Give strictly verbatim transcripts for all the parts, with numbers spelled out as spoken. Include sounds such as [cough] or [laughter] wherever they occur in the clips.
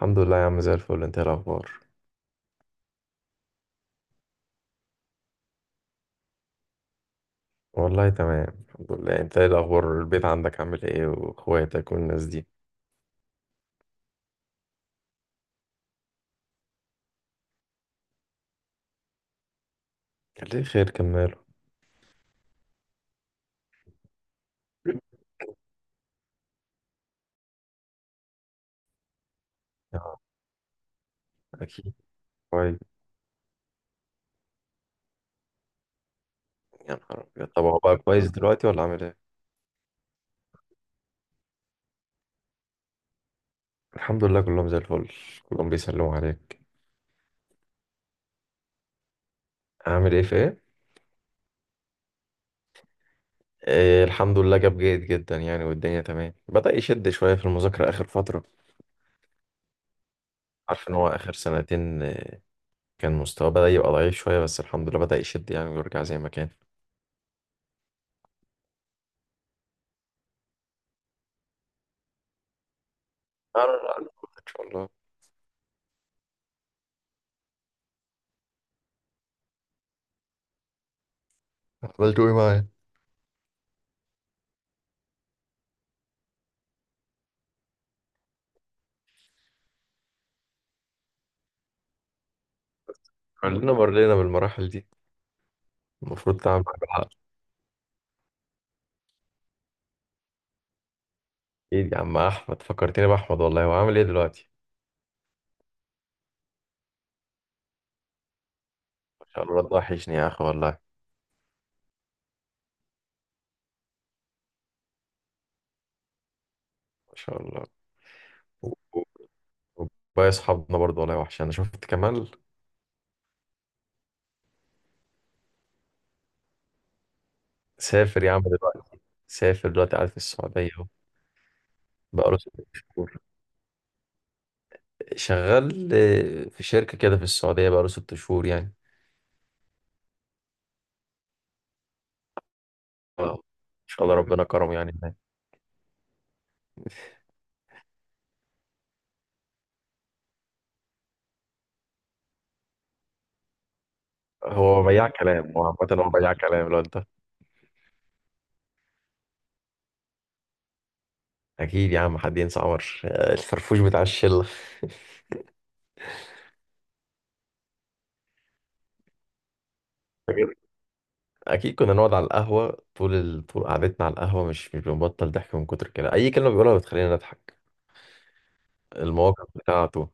الحمد لله يا عم زي الفل. انت ايه الاخبار؟ والله تمام الحمد لله. انت ايه الاخبار؟ البيت عندك عامل ايه؟ واخواتك والناس دي كان ليه خير؟ كملوا. اه، اكيد. كويس. يا نهار ابيض، طب هو بقى كويس دلوقتي ولا عامل ايه؟ الحمد لله كلهم زي الفل. كلهم بيسلموا عليك. عامل ايه في ايه؟ اه، الحمد لله جاب جيد جدا يعني، والدنيا تمام. بدأ يشد شوية في المذاكرة آخر فترة. عارف إن هو آخر سنتين، اه، كان مستواه بدأ يبقى ضعيف شوية، بس الحمد لله بدأ يشد يعني ويرجع زي ما كان. لا لا. لا، إن شاء الله. أفضل تقول معايا. كلنا مرينا بالمراحل دي. المفروض تعمل حاجة حق. ايه يا عم احمد، فكرتني باحمد والله. هو عامل ايه دلوقتي؟ ما شاء الله الواد وحشني يا اخي والله. ما شاء الله. و- و- وباقي اصحابنا برضه والله وحش. انا شفت كمال. سافر يا عم دلوقتي. سافر دلوقتي، قاعد في السعودية اهو. بقاله ست شهور. شغال. آه، في شركة كده في السعودية، بقاله ست شهور يعني. آه. ان شاء الله ربنا كرمه يعني هناك. هو بياع كلام. هو عامة هو بياع كلام الواد ده. اكيد يا عم، حد ينسى عمر؟ آه، الفرفوش بتاع الشلة. فاكر- اكيد كنا نقعد على القهوه طول ال... طول قعدتنا على القهوه. مش مش بنبطل ضحك من كتر كده. اي كلمه بيقولها بتخلينا نضحك. المواقف بتاعته.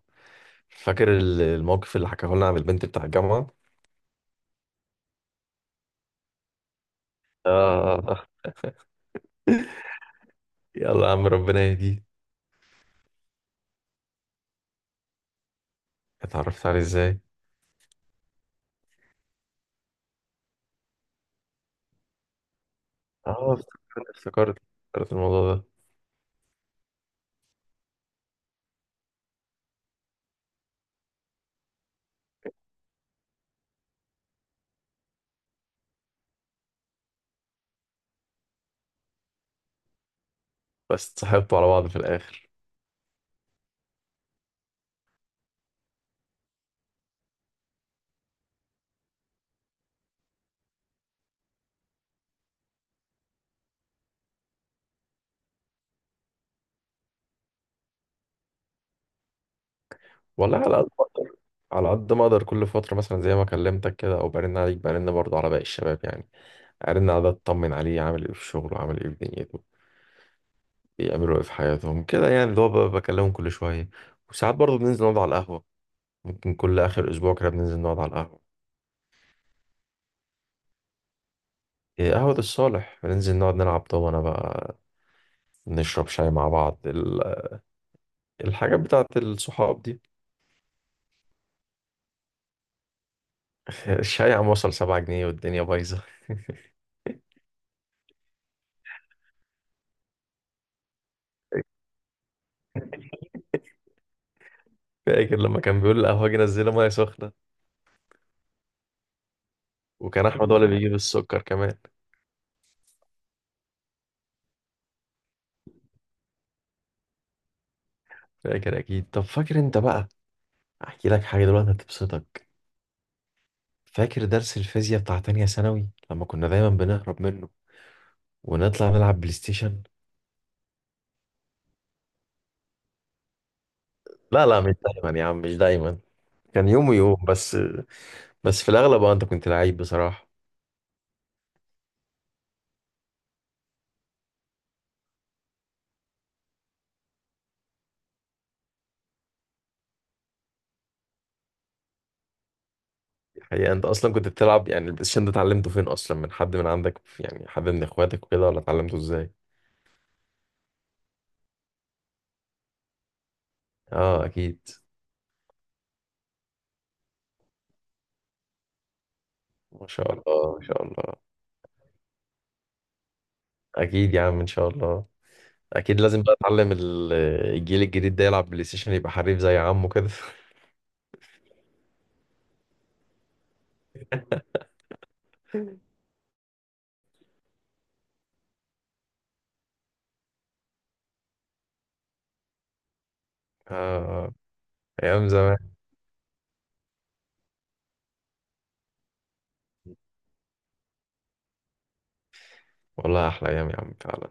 فاكر ال- الموقف اللي حكاه لنا عن البنت بتاع الجامعه؟ آه. يلا يا عم ربنا يهديه. اتعرفت عليه ازاي؟ اه، افتكرت افتكرت افتكرت الموضوع ده. بس اتصاحبتوا على بعض في الاخر. والله على قد ما اقدر. على قد ما اقدر، كل فتره مثلا زي ما كلمتك كده، او برن عليك، برن برضه على باقي الشباب يعني. ارن على ده اطمن عليه عامل ايه في الشغل، وعامل ايه في دنيته. بيعملوا ايه في حياتهم كده يعني. اللي هو ب- بكلمهم كل شوية. وساعات برضه بننزل نقعد على القهوة. ممكن كل آخر أسبوع كده بننزل نقعد على القهوة. إيه، قهوة الصالح بننزل نقعد نلعب دومنة بقى. نشرب شاي مع بعض، ال- الحاجات بتاعت الصحاب دي. [laughs] الشاي عم وصل سبعة جنيه، والدنيا بايظة. [laughs] فاكر لما كان بيقول القهوة جه نزلها مية سخنة. وكان أحمد هو اللي بيجيب السكر كمان. فاكر أكيد. طب فاكر أنت بقى، أحكي لك حاجة دلوقتي هتبسطك. فاكر درس الفيزياء بتاع تانية ثانوي لما كنا دايما بنهرب منه ونطلع نلعب بلاي ستيشن؟ لا لا، مش دايما يا عم، مش دايما. كان يوم ويوم بس. بس في الاغلب، اه انت كنت لعيب بصراحه. الحقيقه انت اصلا كنت بتلعب. يعني البلاي ستيشن ده اتعلمته فين اصلا؟ من حد من عندك يعني، حد من اخواتك وكده؟ ولا اتعلمته ازاي؟ اه، اكيد. ما شاء الله ما شاء الله. اكيد يا عم ان شاء الله. اكيد لازم بقى اتعلم ال- الجيل الجديد ده يلعب بلاي ستيشن، يبقى حريف زي عمه كده. [laughs] اه. آه. ايام زمان. والله احلى ايام يا عم فعلا.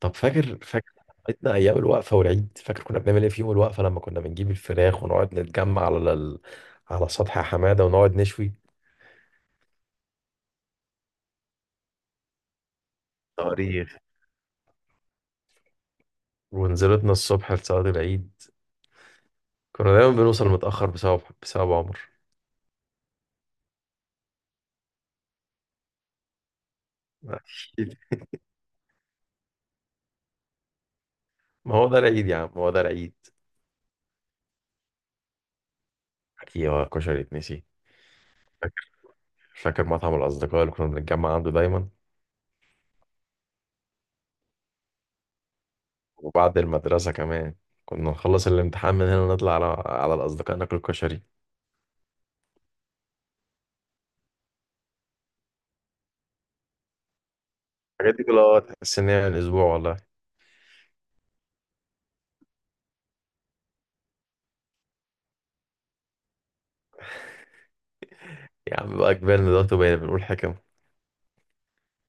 طب فاكر فاكر عيدنا ايام الوقفه والعيد. فاكر كنا بنعمل ايه في يوم الوقفه لما كنا بنجيب الفراخ ونقعد نتجمع على ال... على سطح حماده ونقعد نشوي طريخ. ونزلتنا الصبح لصلاه العيد. كنا دايما بنوصل متاخر بسبب بسبب عمر. أكيد. ما هو ده العيد يا عم، هو ده العيد. ايوه، كشري اتنسي. فاكر. فاكر مطعم الاصدقاء اللي كنا بنتجمع عنده دايما. وبعد المدرسه كمان كنا نخلص الامتحان من هنا ونطلع على على الاصدقاء ناكل كشري. الحاجات دي كلها تحس ان هي من اسبوع والله. يا عم بقى كبرنا دلوقتي، وبقينا بنقول حكم.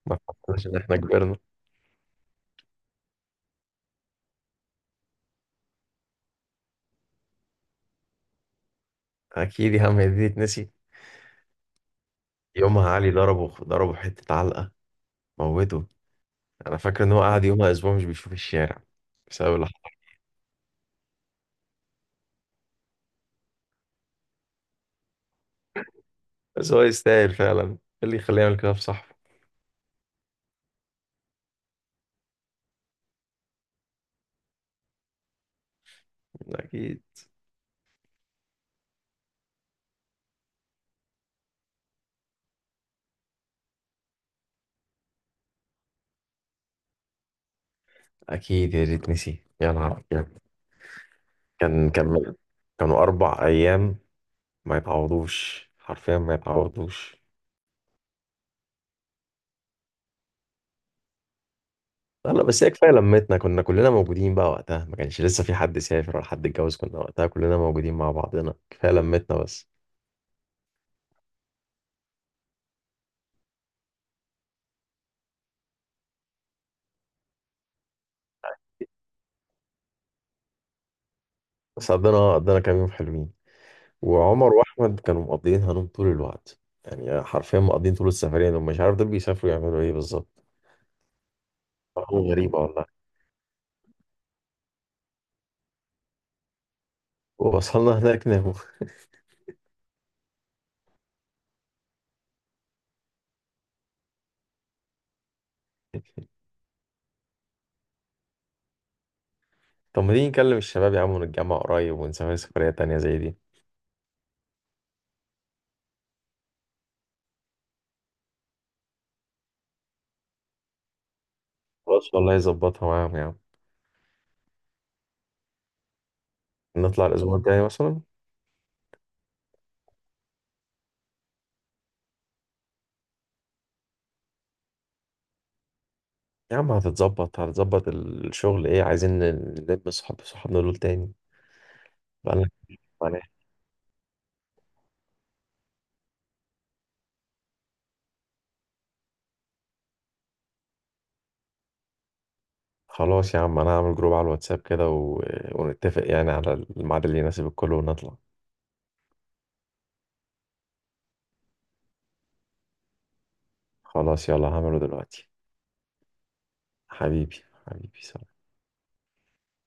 ما فكرناش ان احنا كبرنا. اكيد يا عم، هي دي تتنسي؟ يومها علي ضربه ضربه حته علقه موته. انا فاكر ان هو قعد يومها اسبوع مش بيشوف الشارع بسبب اللي حصل. بس هو يستاهل فعلا. إيه اللي يخليه يعمل كده في صاحبه؟ اكيد. اكيد يا ريت نسي. يا نهار أبيض. كان كان كانوا اربع ايام، ما يتعوضوش، حرفيا ما يتعوضوش. لا، بس هي كفايه لمتنا. كنا كلنا موجودين بقى وقتها. ما كانش لسه في حد سافر ولا حد اتجوز. كنا وقتها كلنا موجودين مع بعضنا. كفايه لمتنا بس. بس قضينا قضينا كام يوم حلوين. وعمر واحمد كانوا مقضيين هنوم طول الوقت. يعني حرفيا مقضيين طول السفريه. دول مش عارف دول بيسافروا يعملوا ايه بالظبط. أرقام غريبه والله. ووصلنا هناك ناموا. [laughs] طب ما تيجي نكلم الشباب يا عم، ونتجمع قريب، ونسافر سفريه تانيه زي دي. خلاص والله، يظبطها معاهم يا عم. نطلع الاسبوع الجاي مثلا. يا عم هتتظبط هتتظبط. الشغل ايه؟ عايزين نلم صحاب صحابنا دول تاني. بقالنا عليه. خلاص يا عم، انا هعمل جروب على الواتساب كده و... ونتفق يعني على الميعاد اللي يناسب الكل ونطلع. خلاص يلا هعمله دلوقتي. حبيبي حبيبي سلام.